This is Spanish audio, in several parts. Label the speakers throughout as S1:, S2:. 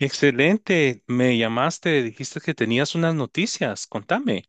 S1: Excelente, me llamaste, dijiste que tenías unas noticias, contame.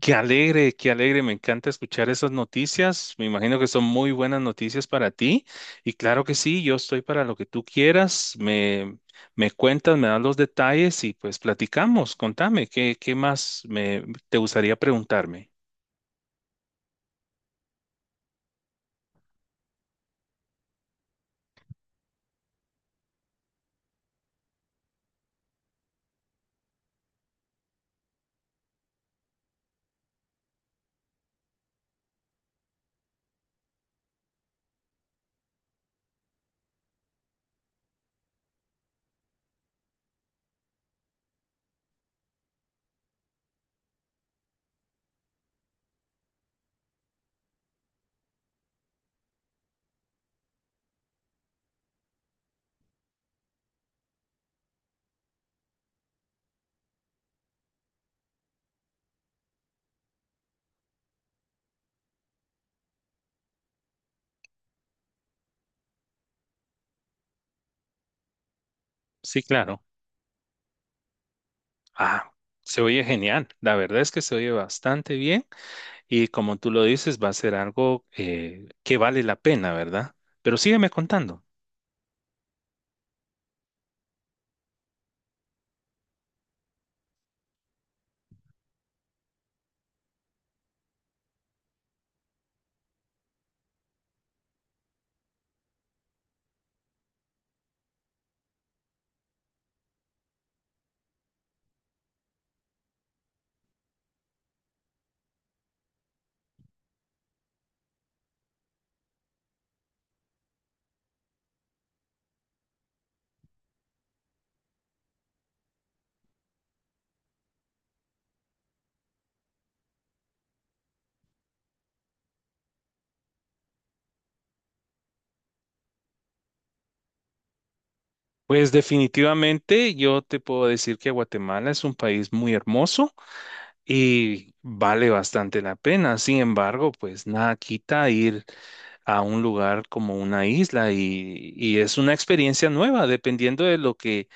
S1: Qué alegre, me encanta escuchar esas noticias, me imagino que son muy buenas noticias para ti y claro que sí, yo estoy para lo que tú quieras, me cuentas, me das los detalles y pues platicamos, contame, ¿ qué más te gustaría preguntarme? Sí, claro. Ah, se oye genial, la verdad es que se oye bastante bien. Y como tú lo dices, va a ser algo que vale la pena, ¿verdad? Pero sígueme contando. Pues definitivamente yo te puedo decir que Guatemala es un país muy hermoso y vale bastante la pena. Sin embargo, pues nada quita ir a un lugar como una isla y es una experiencia nueva, dependiendo de lo que,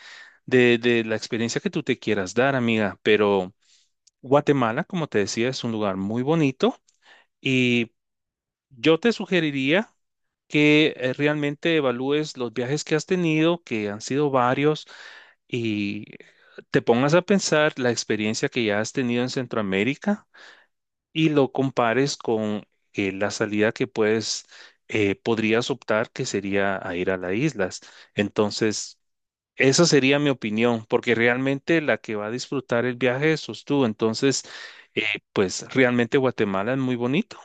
S1: de, de la experiencia que tú te quieras dar, amiga. Pero Guatemala, como te decía, es un lugar muy bonito y yo te sugeriría que realmente evalúes los viajes que has tenido, que han sido varios, y te pongas a pensar la experiencia que ya has tenido en Centroamérica y lo compares con la podrías optar, que sería a ir a las islas. Entonces, esa sería mi opinión, porque realmente la que va a disfrutar el viaje sos tú. Entonces, eh, pues realmente Guatemala es muy bonito,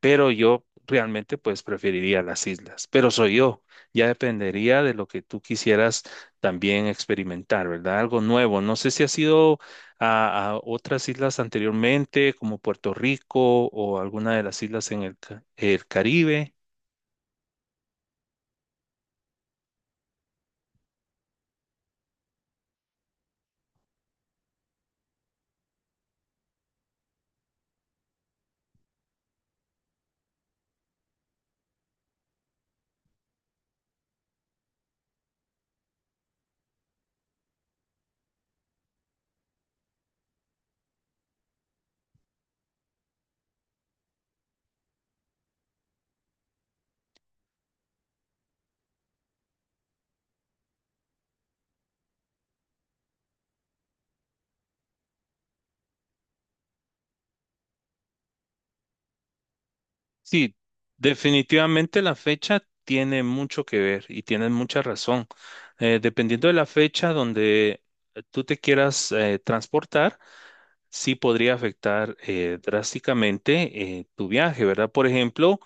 S1: pero yo realmente pues preferiría las islas, pero soy yo. Ya dependería de lo que tú quisieras también experimentar, ¿verdad? Algo nuevo. No sé si has ido a otras islas anteriormente, como Puerto Rico o alguna de las islas en el Caribe. Sí, definitivamente la fecha tiene mucho que ver y tienes mucha razón. Dependiendo de la fecha donde tú te quieras transportar, sí podría afectar drásticamente tu viaje, ¿verdad? Por ejemplo,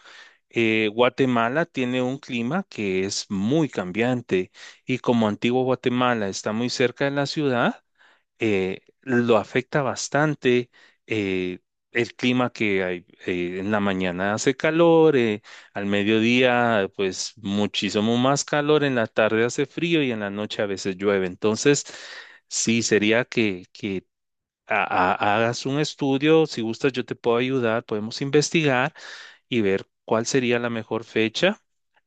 S1: Guatemala tiene un clima que es muy cambiante y como antiguo Guatemala está muy cerca de la ciudad, lo afecta bastante eh, el clima que hay. En la mañana hace calor, al mediodía pues muchísimo más calor, en la tarde hace frío y en la noche a veces llueve. Entonces, sí, sería que ha- hagas un estudio, si gustas yo te puedo ayudar, podemos investigar y ver cuál sería la mejor fecha.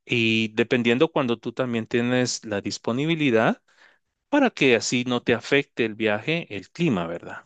S1: Y dependiendo cuando tú también tienes la disponibilidad, para que así no te afecte el viaje, el clima, ¿verdad?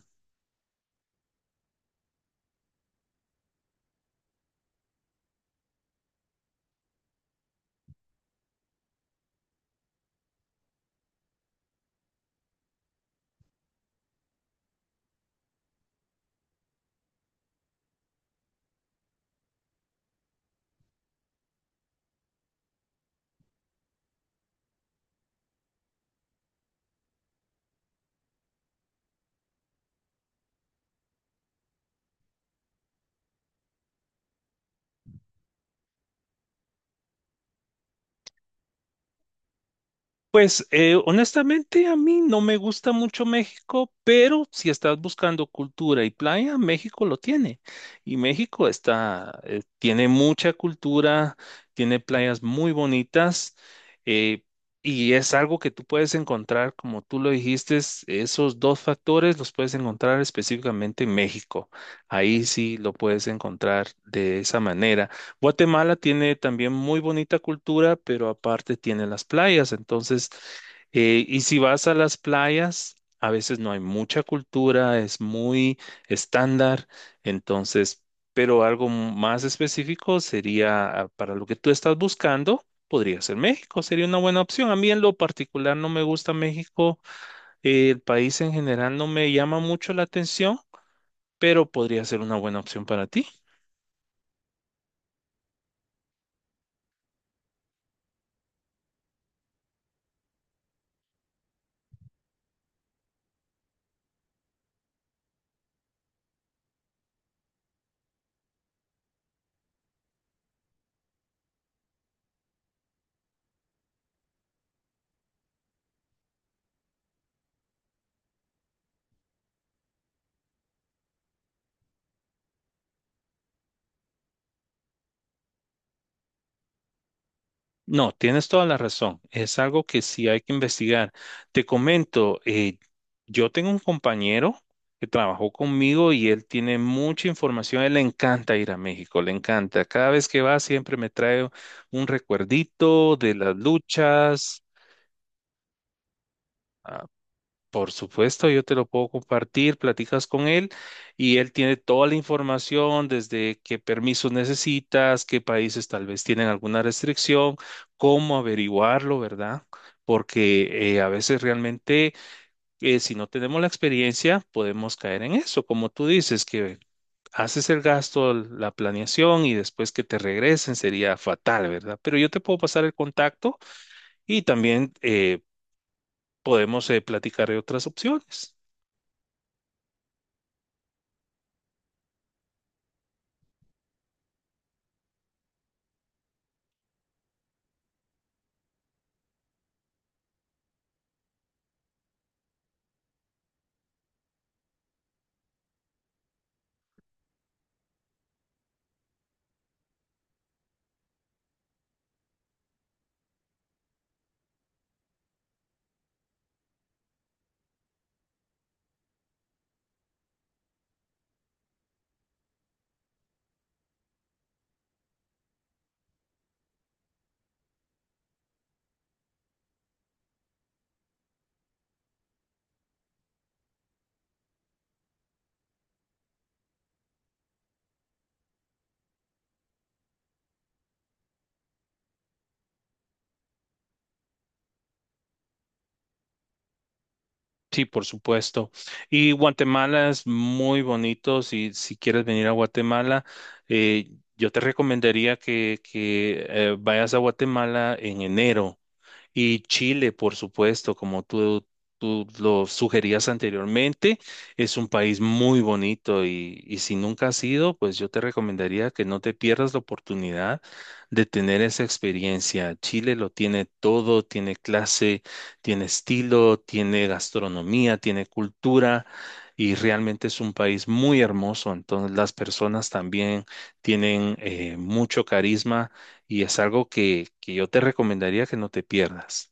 S1: Pues honestamente a mí no me gusta mucho México, pero si estás buscando cultura y playa, México lo tiene. Y México tiene mucha cultura, tiene playas muy bonitas, eh, y es algo que tú puedes encontrar, como tú lo dijiste, esos dos factores los puedes encontrar específicamente en México. Ahí sí lo puedes encontrar de esa manera. Guatemala tiene también muy bonita cultura, pero aparte tiene las playas. Entonces, y si vas a las playas, a veces no hay mucha cultura, es muy estándar. Entonces, pero algo más específico sería, ah, para lo que tú estás buscando. Podría ser México, sería una buena opción. A mí en lo particular no me gusta México, el país en general no me llama mucho la atención, pero podría ser una buena opción para ti. No, tienes toda la razón. Es algo que sí hay que investigar. Te comento, yo tengo un compañero que trabajó conmigo y él tiene mucha información. Él le encanta ir a México, le encanta. Cada vez que va siempre me trae un recuerdito de las luchas. Por supuesto, yo te lo puedo compartir, platicas con él y él tiene toda la información desde qué permisos necesitas, qué países tal vez tienen alguna restricción, cómo averiguarlo, ¿verdad? Porque a veces realmente, si no tenemos la experiencia podemos caer en eso, como tú dices, que haces el gasto, la planeación y después que te regresen sería fatal, ¿verdad? Pero yo te puedo pasar el contacto y también podemos platicar de otras opciones. Sí, por supuesto. Y Guatemala es muy bonito. Si quieres venir a Guatemala, eh, yo te recomendaría que vayas a Guatemala en enero. Y Chile, por supuesto, como tú lo sugerías anteriormente, es un país muy bonito y si nunca has ido, pues yo te recomendaría que no te pierdas la oportunidad de tener esa experiencia. Chile lo tiene todo, tiene clase, tiene estilo, tiene gastronomía, tiene cultura. Y realmente es un país muy hermoso, entonces las personas también tienen mucho carisma y es algo que yo te recomendaría que no te pierdas.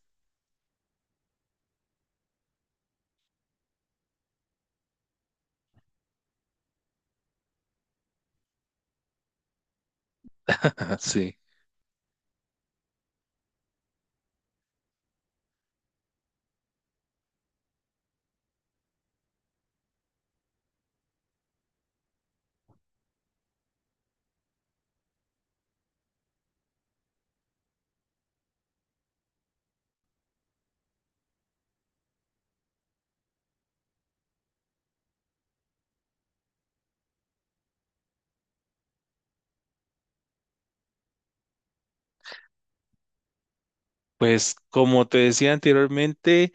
S1: Sí. Pues como te decía anteriormente,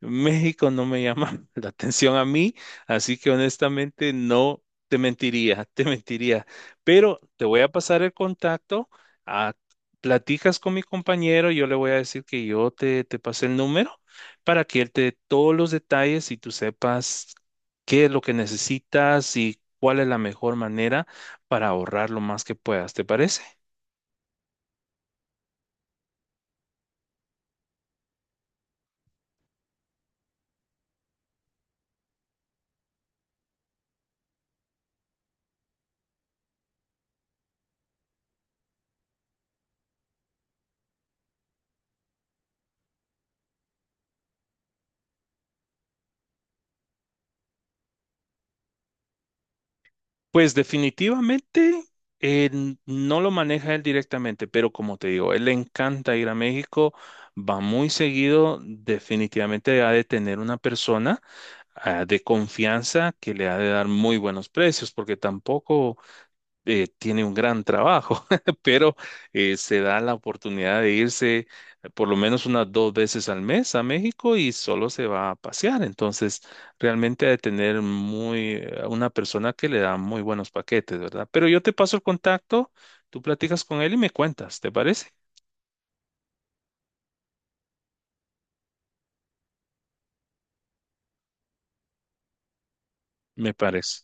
S1: México no me llama la atención a mí, así que honestamente no te mentiría, te mentiría. Pero te voy a pasar el contacto, ah, platicas con mi compañero, yo le voy a decir que yo te pasé el número para que él te dé todos los detalles y tú sepas qué es lo que necesitas y cuál es la mejor manera para ahorrar lo más que puedas. ¿Te parece? Pues definitivamente no lo maneja él directamente, pero como te digo, él le encanta ir a México, va muy seguido, definitivamente ha de tener una persona ah, de confianza que le ha de dar muy buenos precios, porque tampoco tiene un gran trabajo, pero se da la oportunidad de irse por lo menos unas dos veces al mes a México y solo se va a pasear. Entonces, realmente ha de tener una persona que le da muy buenos paquetes, ¿verdad? Pero yo te paso el contacto, tú platicas con él y me cuentas, ¿te parece? Me parece.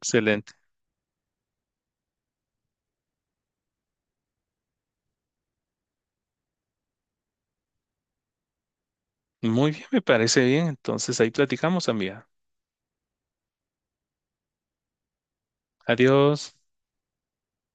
S1: Excelente. Muy bien, me parece bien. Entonces, ahí platicamos, amiga. Adiós.